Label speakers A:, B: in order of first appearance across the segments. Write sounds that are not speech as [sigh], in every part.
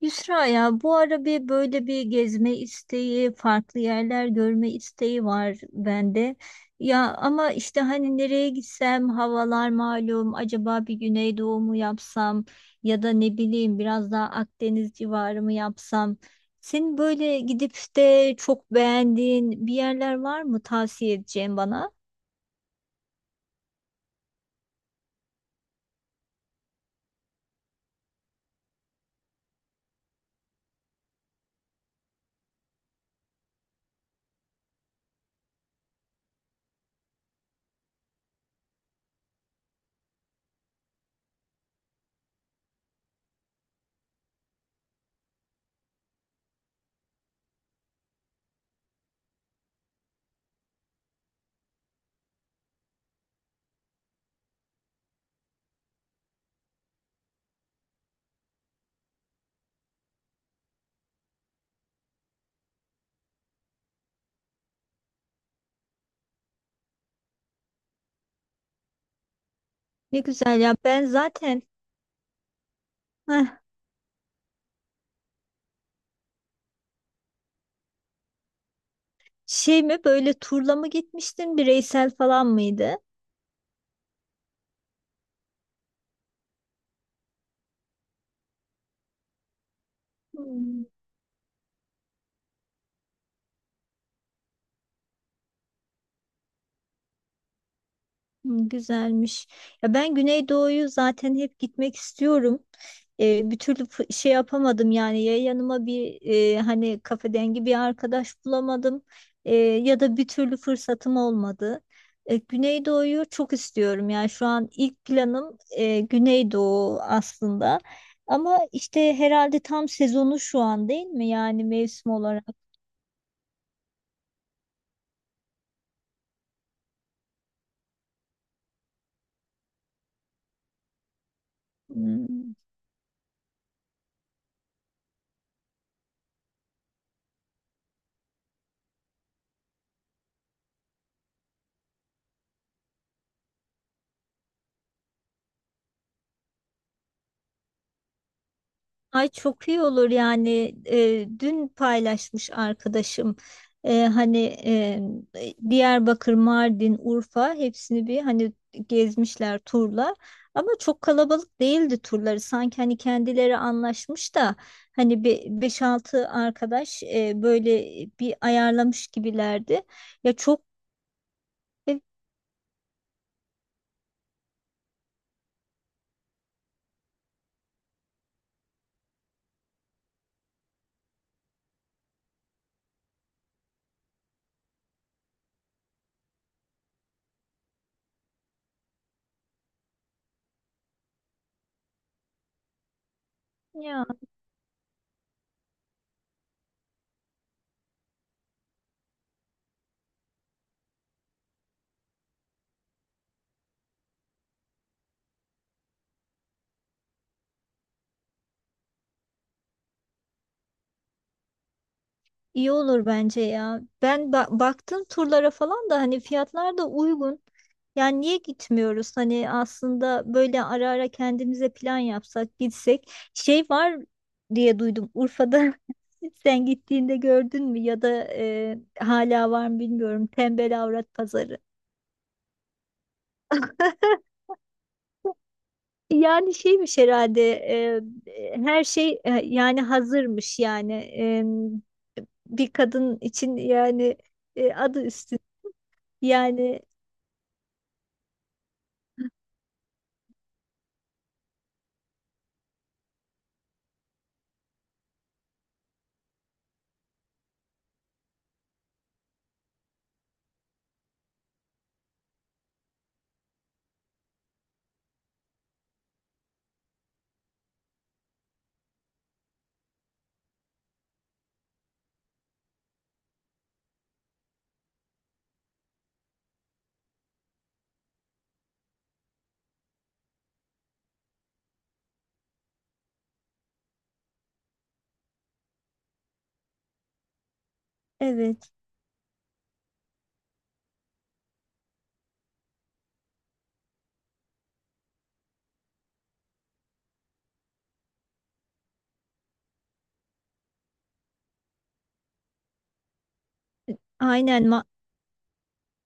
A: Yusra, ya bu ara bir böyle bir gezme isteği, farklı yerler görme isteği var bende. Ya ama işte hani nereye gitsem havalar malum, acaba bir Güneydoğu mu yapsam ya da ne bileyim biraz daha Akdeniz civarı mı yapsam. Senin böyle gidip de çok beğendiğin bir yerler var mı tavsiye edeceğin bana? Ne güzel ya, ben zaten heh, şey mi, böyle turla mı gitmiştin, bireysel falan mıydı? Hmm. Hı, güzelmiş. Ya ben Güneydoğu'yu zaten hep gitmek istiyorum. Bir türlü şey yapamadım yani, ya yanıma bir hani kafedengi bir arkadaş bulamadım, ya da bir türlü fırsatım olmadı. Güneydoğu'yu çok istiyorum, yani şu an ilk planım Güneydoğu aslında. Ama işte herhalde tam sezonu şu an değil mi yani, mevsim olarak? Hmm. Ay, çok iyi olur yani. Dün paylaşmış arkadaşım, Eee, hani eee, Diyarbakır, Mardin, Urfa, hepsini bir hani gezmişler turla, ama çok kalabalık değildi turları, sanki hani kendileri anlaşmış da hani bir beş altı arkadaş böyle bir ayarlamış gibilerdi. Ya çok e, ya İyi olur bence ya. Ben baktım turlara falan da, hani fiyatlar da uygun. Yani niye gitmiyoruz? Hani aslında böyle ara ara kendimize plan yapsak, gitsek. Şey var diye duydum Urfa'da. [laughs] Sen gittiğinde gördün mü, ya da hala var mı bilmiyorum. Tembel avrat pazarı. [laughs] Yani şeymiş herhalde, her şey yani hazırmış yani. Bir kadın için yani, adı üstü yani. Evet, aynen.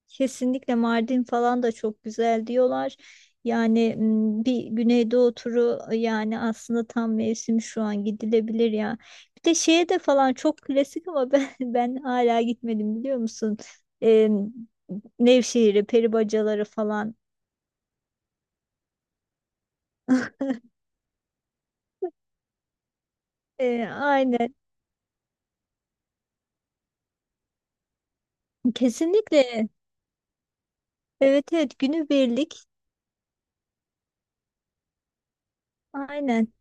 A: Kesinlikle Mardin falan da çok güzel diyorlar. Yani bir Güneydoğu turu, yani aslında tam mevsim şu an, gidilebilir ya. Bir de şeye de falan çok klasik ama ben, [laughs] ben hala gitmedim biliyor musun? Ee, Nevşehir'e, peribacaları falan. [laughs] Aynen. Kesinlikle. Evet, evet, günübirlik. Aynen.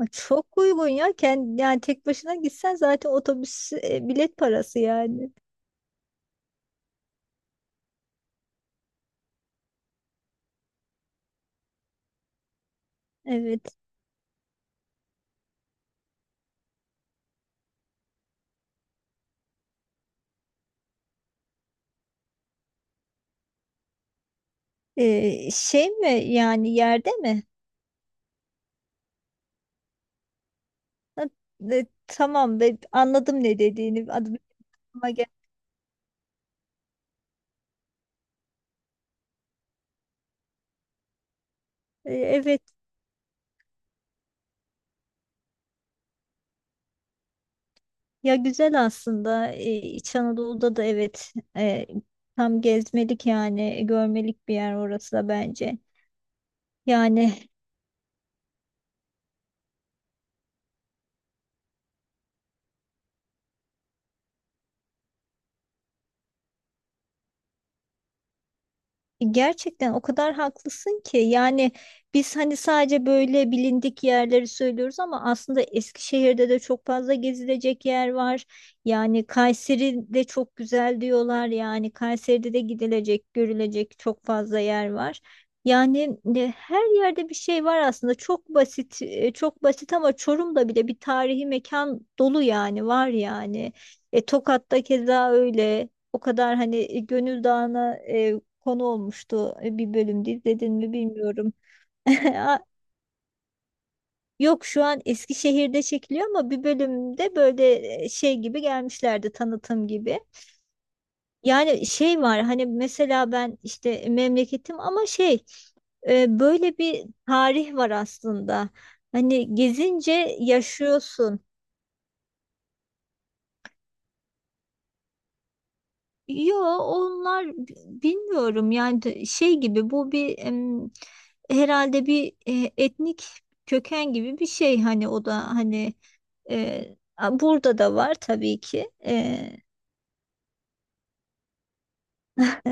A: Ay, çok uygun ya. Kend, yani tek başına gitsen zaten otobüs bilet parası yani. Evet. Şey mi, yani yerde mi? Ha, tamam be, anladım ne dediğini. Adı aklıma evet. Ya güzel aslında. İç Anadolu'da da evet, tam gezmelik yani, görmelik bir yer orası da bence. Yani gerçekten o kadar haklısın ki yani, biz hani sadece böyle bilindik yerleri söylüyoruz ama aslında Eskişehir'de de çok fazla gezilecek yer var. Yani Kayseri de çok güzel diyorlar, yani Kayseri'de de gidilecek, görülecek çok fazla yer var. Yani her yerde bir şey var aslında, çok basit, çok basit, ama Çorum'da bile bir tarihi mekan dolu yani, var yani. Tokat'ta keza öyle. O kadar hani, Gönül Dağı'na konu olmuştu. Bir bölümde izledin mi bilmiyorum. [laughs] Aa, yok, şu an Eskişehir'de çekiliyor, ama bir bölümde böyle şey gibi gelmişlerdi, tanıtım gibi. Yani şey var hani, mesela ben işte memleketim ama şey, böyle bir tarih var aslında. Hani gezince yaşıyorsun. Yo, onlar bilmiyorum yani, şey gibi bu bir herhalde bir etnik köken gibi bir şey, hani o da hani burada da var tabii ki. E, [laughs]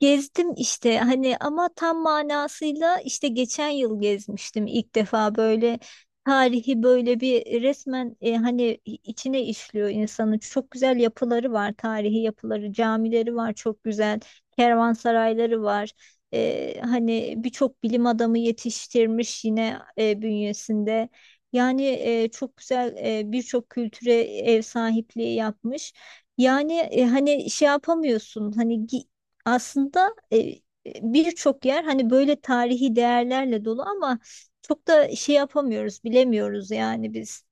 A: gezdim işte hani, ama tam manasıyla işte geçen yıl gezmiştim ilk defa, böyle tarihi böyle bir resmen, hani içine işliyor insanı. Çok güzel yapıları var, tarihi yapıları, camileri var çok güzel, kervansarayları var. Hani birçok bilim adamı yetiştirmiş yine bünyesinde. Yani çok güzel, birçok kültüre ev sahipliği yapmış. Yani hani şey yapamıyorsun, hani aslında birçok yer hani böyle tarihi değerlerle dolu, ama çok da şey yapamıyoruz, bilemiyoruz yani biz.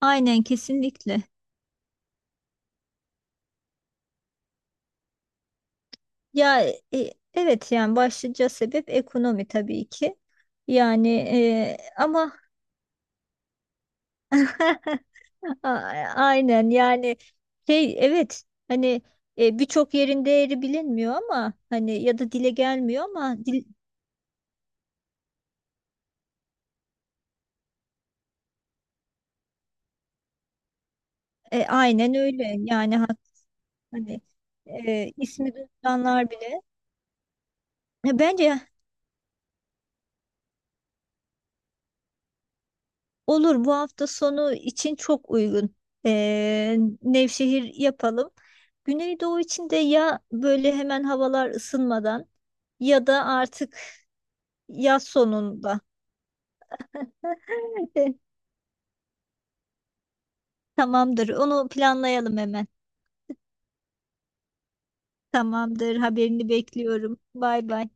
A: Aynen, kesinlikle. Ya, evet yani başlıca sebep ekonomi tabii ki. Yani ama [laughs] A- aynen yani, şey, evet hani birçok yerin değeri bilinmiyor, ama hani ya da dile gelmiyor ama dil, aynen öyle yani. Hani ismi duyanlar bile. Ya bence olur, bu hafta sonu için çok uygun. E, Nevşehir yapalım. Güneydoğu için de ya böyle hemen havalar ısınmadan ya da artık yaz sonunda. [laughs] Tamamdır. Onu planlayalım hemen. Tamamdır. Haberini bekliyorum. Bay bay.